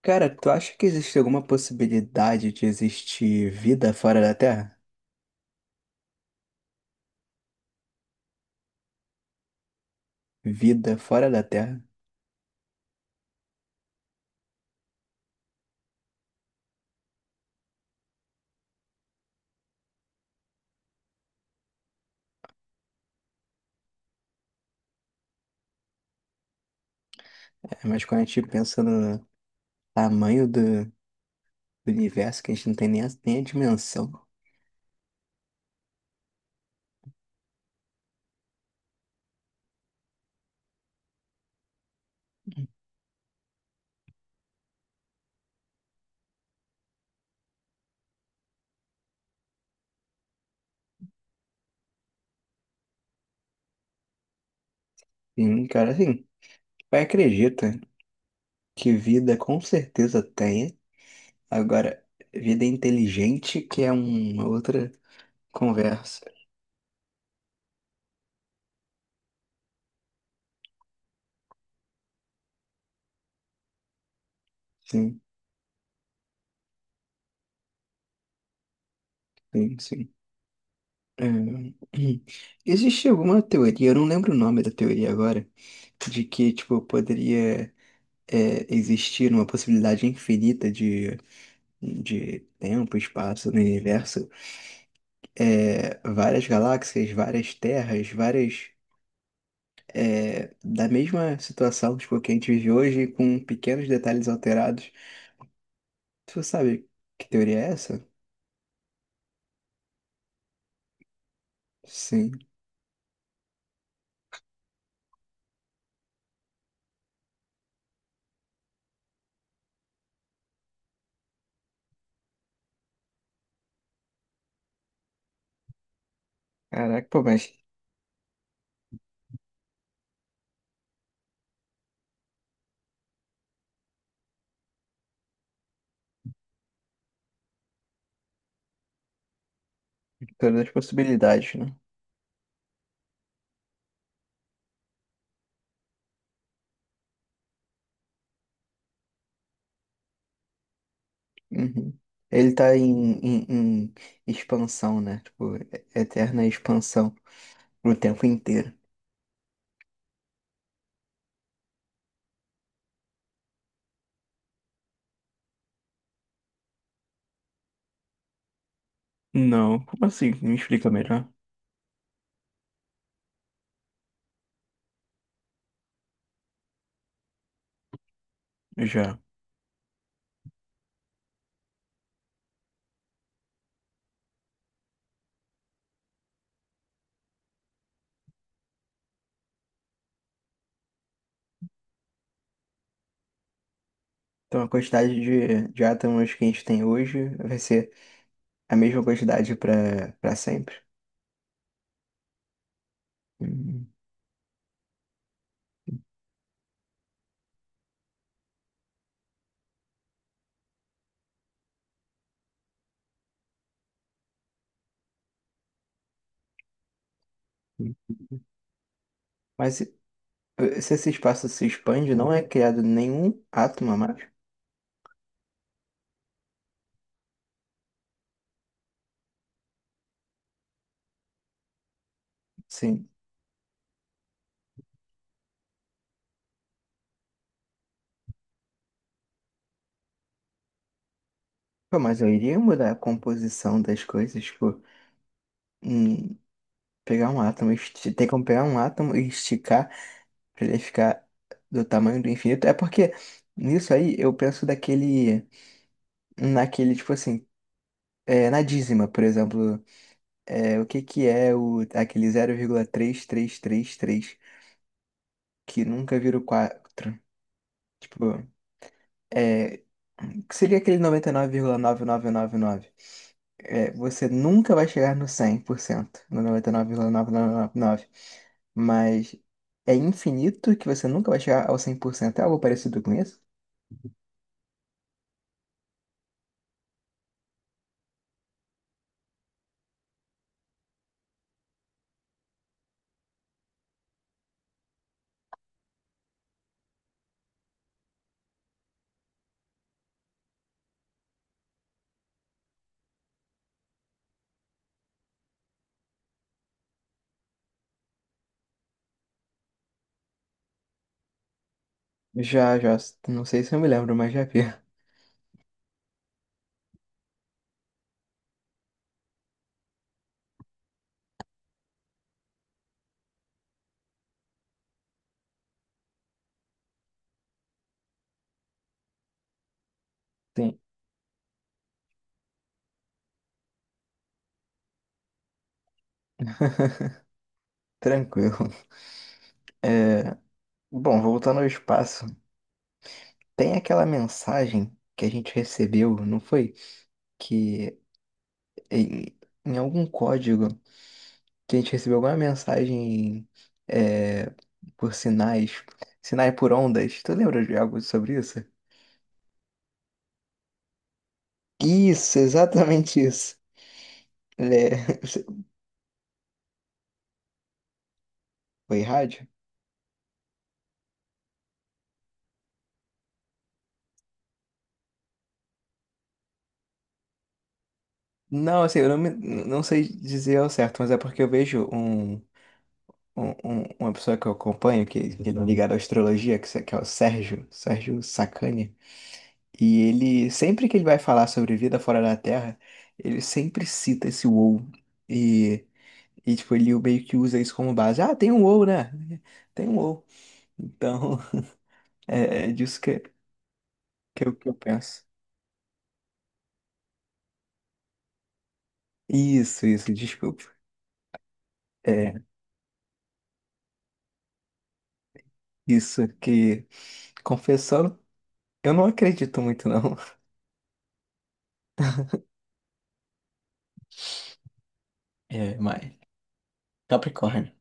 Cara, tu acha que existe alguma possibilidade de existir vida fora da Terra? Vida fora da Terra? É, mas quando a gente pensa no tamanho do universo, que a gente não tem nem a dimensão. Sim, cara, assim, vai acredita que vida com certeza tem. Agora, vida inteligente que é uma outra conversa. Sim, sim, sim. É. Existe alguma teoria, eu não lembro o nome da teoria agora, de que, tipo, poderia. Existir uma possibilidade infinita de tempo, espaço no universo, várias galáxias, várias terras, várias. Da mesma situação tipo, que a gente vive hoje, com pequenos detalhes alterados. Tu sabe que teoria é essa? Sim. Caraca, pô, mas todas as possibilidades, né? Uhum. Ele tá em, em expansão, né? Tipo, eterna expansão o tempo inteiro. Não, como assim? Me explica melhor. Já. Então, a quantidade de átomos que a gente tem hoje vai ser a mesma quantidade para sempre. Hum, hum. Mas se esse espaço se expande, não é criado nenhum átomo a mais? Sim. Pô, mas eu iria mudar a composição das coisas, tipo, hum, pegar um átomo, tem como pegar um átomo e esticar para ele ficar do tamanho do infinito. É porque nisso aí eu penso daquele, naquele, tipo assim, na dízima, por exemplo. É, o que que é aquele zero vírgula três três três três que nunca vira o quatro. Tipo, é, o que seria aquele noventa e nove vírgula nove nove nove nove? É, você nunca vai chegar no cem por cento, no noventa e nove vírgula novecentos e noventa e nove, mas é infinito que você nunca vai chegar ao cem por cento. É algo parecido com isso? Já, já, não sei se eu me lembro, mas já vi. Sim. Tranquilo. Bom, voltando ao espaço, tem aquela mensagem que a gente recebeu, não foi? Que em, em algum código que a gente recebeu alguma mensagem, é, por sinais, sinais por ondas. Tu lembra de algo sobre isso? Isso, exatamente isso. É, foi rádio? Não, assim, eu não, não sei dizer ao certo, mas é porque eu vejo um, uma pessoa que eu acompanho, que é ligada à astrologia, que, se- que é o Sérgio, Sérgio Sacani. E ele, sempre que ele vai falar sobre vida fora da Terra, ele sempre cita esse WoW. E, e tipo, ele meio que usa isso como base. Ah, tem um WoW, né? Tem um WoW. Então, é disso que, que eu penso. Isso, desculpa. É, isso que, confessando, eu não acredito muito, não. É, mas. Capricórnio.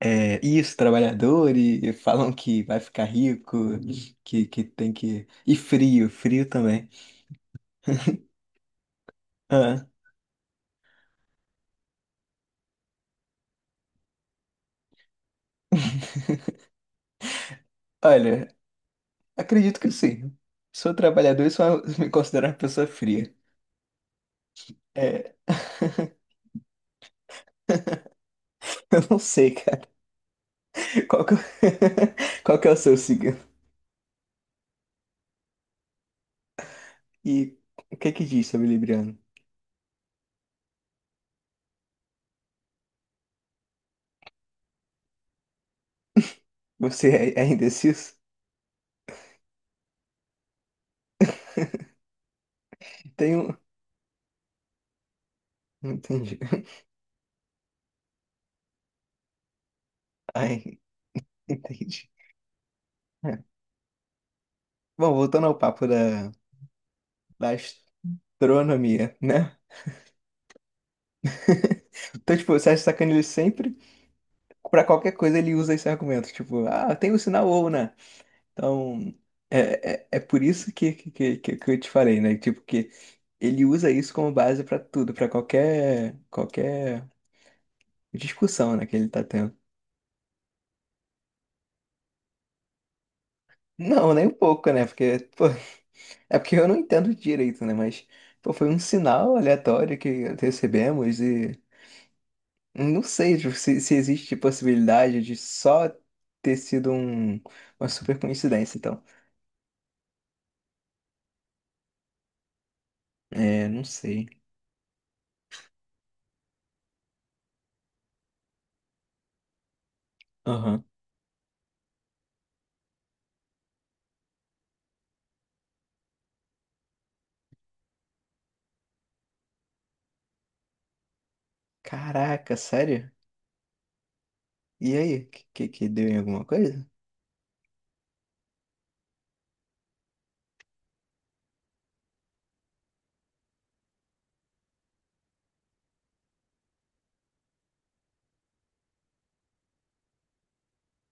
É, isso, trabalhador, e falam que vai ficar rico, que tem que. E frio, frio também. Olha, acredito que sim. Sou trabalhador e sou me considero uma pessoa fria. É. Eu não sei, cara. Qual que, qual que é o seu signo? E o que é que diz sobre Libriano? Você é indeciso? Tenho. Não entendi. Ai, entendi. É. Bom, voltando ao papo da, astronomia, né? Então, tipo, o Sérgio sacaneia ele sempre. Pra qualquer coisa ele usa esse argumento. Tipo, ah, tem o sinal ou, né? Então, é por isso que que eu te falei, né? Tipo, que ele usa isso como base pra tudo, pra qualquer discussão, né, que ele tá tendo. Não, nem um pouco, né? Porque, pô, é porque eu não entendo direito, né? Mas, pô, foi um sinal aleatório que recebemos e não sei tipo, se existe possibilidade de só ter sido uma super coincidência, então. É, não sei. Aham. Caraca, sério? E aí, que que deu em alguma coisa?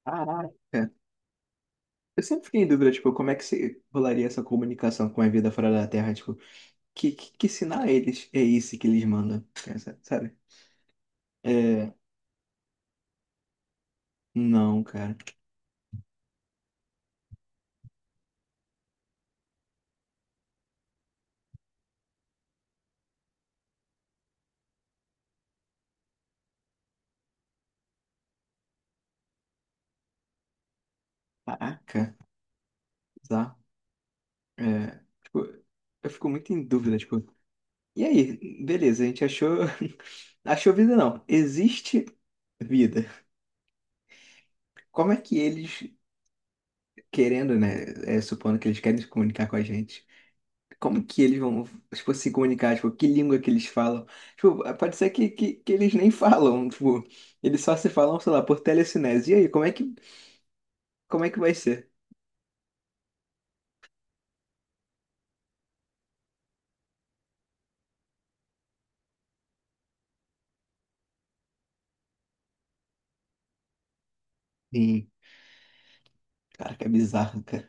Caraca. Eu sempre fiquei em dúvida, tipo, como é que se rolaria essa comunicação com a vida fora da Terra? Tipo, que sinal é esse que eles mandam? Sabe? É, não, cara. Caraca, tá. É, tipo, eu fico muito em dúvida, tipo, e aí? Beleza, a gente achou, achou vida não. Existe vida. Como é que eles, querendo, né, supondo que eles querem se comunicar com a gente, como que eles vão, tipo, se comunicar, tipo, que língua que eles falam. Tipo, pode ser que eles nem falam, tipo, eles só se falam, sei lá, por telecinese. E aí, como é que vai ser? Sim. Cara, que é bizarro, cara.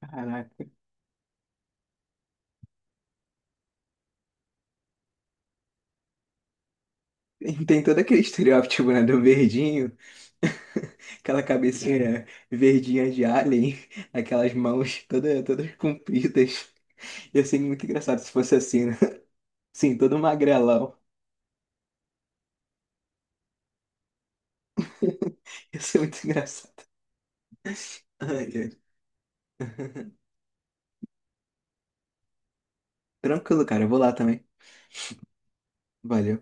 Caraca. E tem todo aquele estereótipo, né, do verdinho, aquela cabecinha verdinha de alien, aquelas mãos todas compridas. Ia ser muito engraçado se fosse assim, né? Sim, todo magrelão. Ia ser muito engraçado. Ai, ai. Tranquilo, cara, eu vou lá também. Valeu.